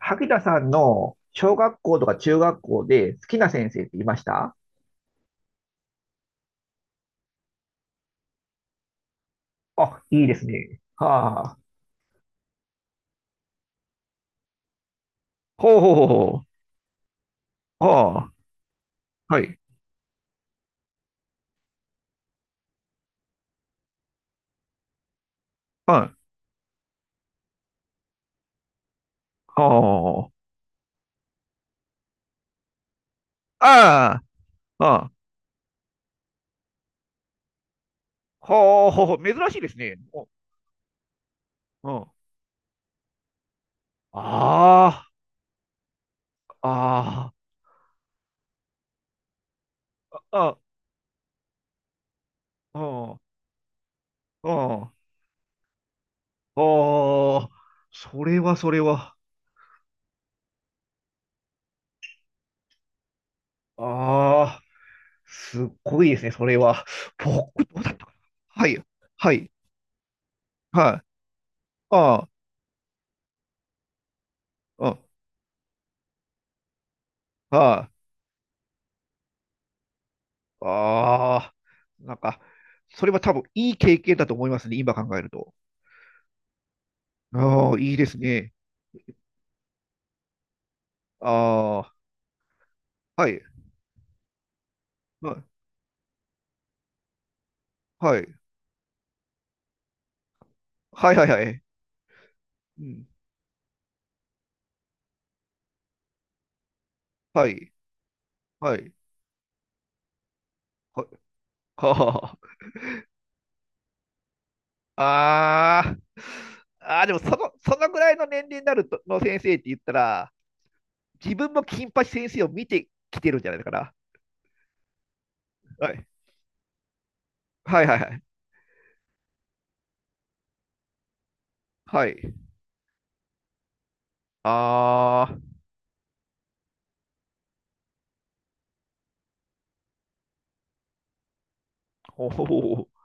萩田さんの小学校とか中学校で好きな先生っていましたあ、いいですね。はあ。ほうほうほうほう。はあ、はい。はい。はあ。ああ、ああ。ほうほうほう。珍しいですね。お、うん。ああ、ああ、あ、うん、うん。ああ、それはそれは。ああ、すっごいですね、それは。僕、どうだったかな。はい、はい、はい。ああ、うん、はい。ああ、なんか、それは多分いい経験だと思いますね、今考えると。ああ、いいですね。ああ、はい、まはい、はいはいはい、うん、はい、はい、は、はあ、あーあー、でもその、そのぐらいの年齢になるとの先生って言ったら、自分も金八先生を見てきてるんじゃないかな。はい、はいはいはい、はい。ああ、ほほほうほう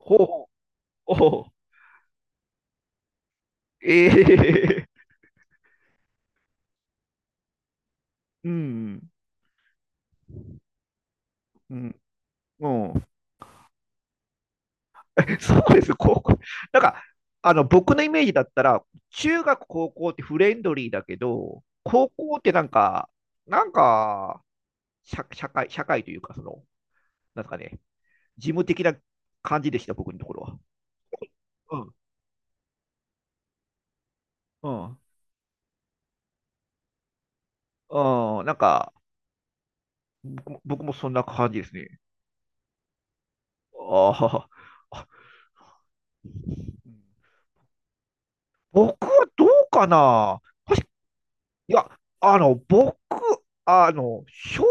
ほうほうほうほうええうん、うん、うん。うん。 そうです、高校。なんか、僕のイメージだったら、中学、高校ってフレンドリーだけど、高校ってなんか、なんか、社、社会、社会というか、その、なんですかね、事務的な感じでした、僕のところは。うん、うん、うん、なんか、僕もそんな感じですね。あーあ、僕はどうかな。いや、僕、小、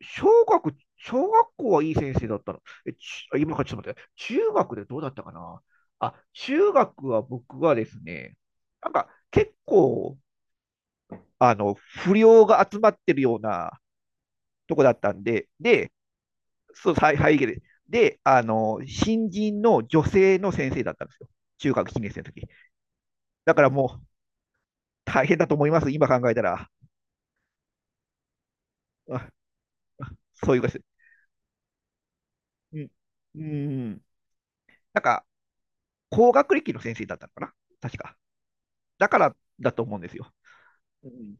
小学、小学校はいい先生だったの。え、ち、今からちょっと待って、中学でどうだったかな。あ、中学は僕はですね、なんか結構、不良が集まってるようなとこだったんで、で、そう、はいはい、で、で、新人の女性の先生だったんですよ。中学1年生の時。だからもう大変だと思います、今考えたら。あ、そういうことです。うん。うん。なんか、高学歴の先生だったのかな確か。だからだと思うんですよ。うん、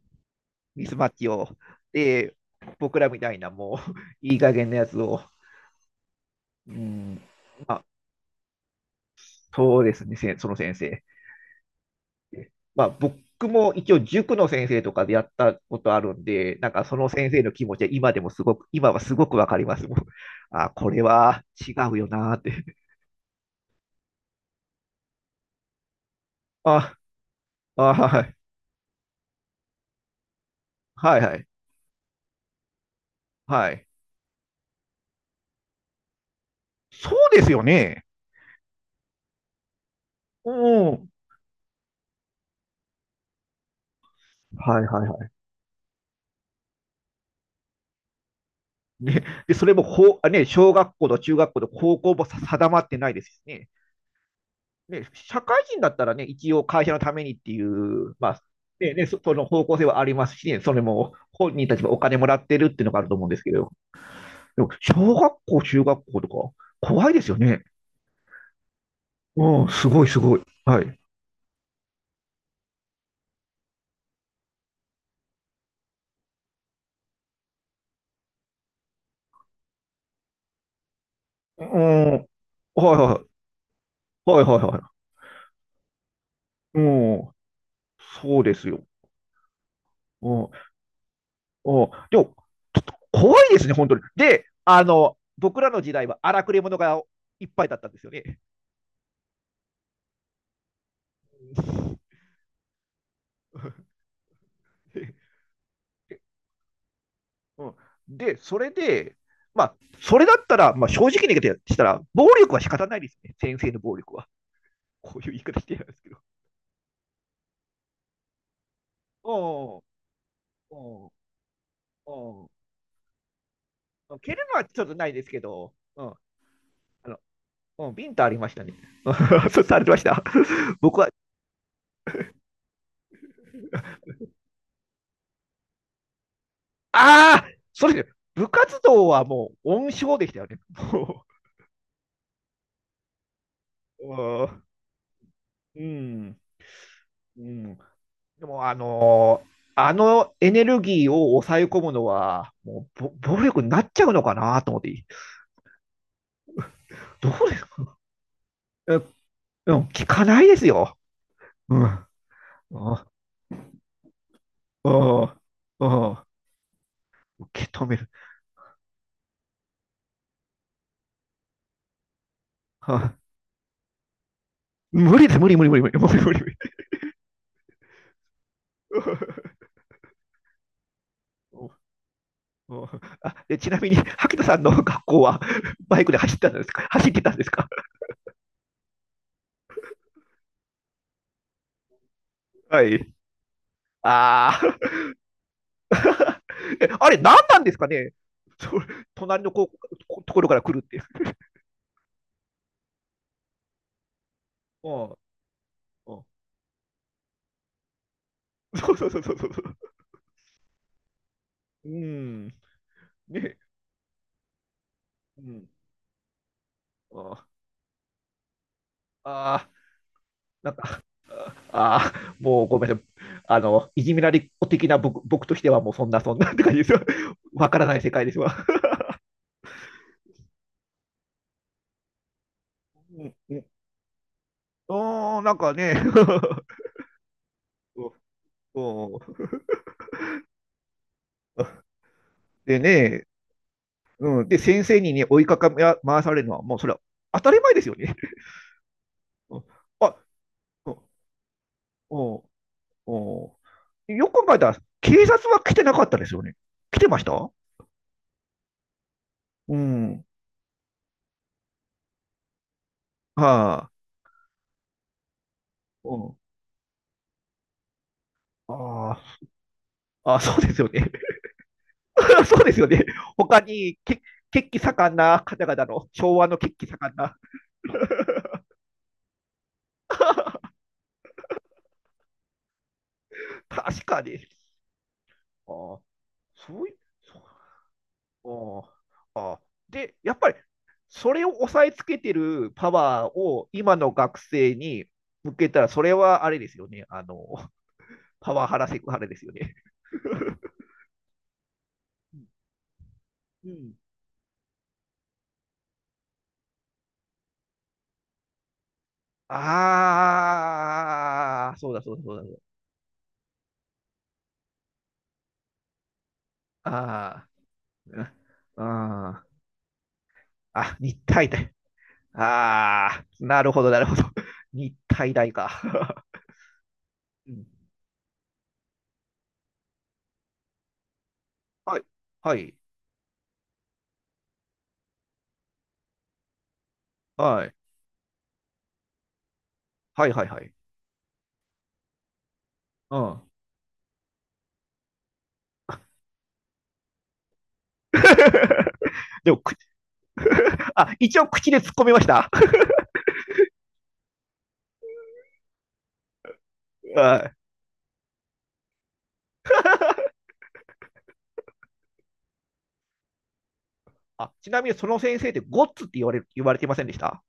ミスマッチを。で、僕らみたいなもう、いい加減なやつを。うん、まあ、そうですね、せその先生。まあ、僕も一応塾の先生とかでやったことあるんで、なんかその先生の気持ちは今でもすごく、今はすごくわかりますもん。あ、これは違うよなーって。あ、あ、はい、はい、はい、はい。そうですよね。うん。はい、はい、はい。ね、でそれも法ね、小学校と中学校と高校も定まってないですしね。ね、社会人だったらね、一応会社のためにっていう、まあ、ねね、そその方向性はありますしね、それも本人たちもお金もらってるっていうのがあると思うんですけど、でも小学校、中学校とか、怖いですよね。うん、すごい、すごい。はい。うん、はいはい、はいはいはい。うん、そうですよ。うん、おでも、ちょっと怖いですね、本当に。で、僕らの時代は荒くれ者がいっぱいだったんですよね。でうんで、それで、まあ、それだったら、まあ、正直に言ってしたら、暴力は仕方ないですね、先生の暴力は。こういう言い方してるんですけど。うんうんうんうん、蹴るのはちょっとないですけど、うん、あのうん、ビンタありましたね。そうされてました。僕はああ、それで、部活動はもう温床でしたよね。もう、うん、うん。でも、あのエネルギーを抑え込むのは、もうぼ暴力になっちゃうのかなと思って、どうですか？えうん、聞かないですよ。うん、うん、うん、うん、受け止める。はあ、無理です、無理、無理、無理、無理、無理、無理。あ、で、ちなみに、萩田さんの学校はバイクで走ったんですか、走ってたんですか？はい。ああ。えあれ、何なんですかね？そ 隣のこうところから来るって。うんうん。 そうそうそうそうそう。うん。ね。うん。ああなんか、ああ、もうごめんなさい。いじめられっ子的な僕としてはもうそんなそんなって感じですよ。わからない世界ですわ。うんうん、あーなんかね、うんうんでね、うん、で先生に、ね、追いかか回されるのは、もうそれは当たり前ですよね。うんあうんうんうん、よく考えたら、警察は来てなかったですよね。来てましたうん。はあ。うん。ああ。あ、そうですよね。そうですよね。他に、け、血気盛んな方々の、昭和の血気盛んな。確かに。ああ。そうい、そうああ。ああ。で、やっぱり、それを抑えつけてるパワーを今の学生に向けたら、それはあれですよね。パワハラセクハラですよね。うん。ああ、そうだそうだそうだそうだ。ああ、うんうんあ、日体大。ああ、なるほどなるほど。日体大か。うん、はい、はい、はい、はい、はい、はい。うん。でも、くあ、一応口で突っ込みました。はいあ、ちなみにその先生ってゴッツって言われ、言われてませんでした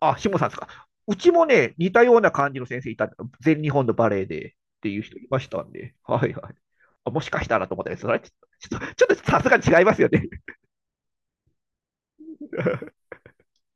あ、下さんですか。うちもね、似たような感じの先生いた、全日本のバレエでっていう人いましたんで、はいはい。あもしかしたらと思ったら、それはちょっと、ちょっとさすがに違いますよね。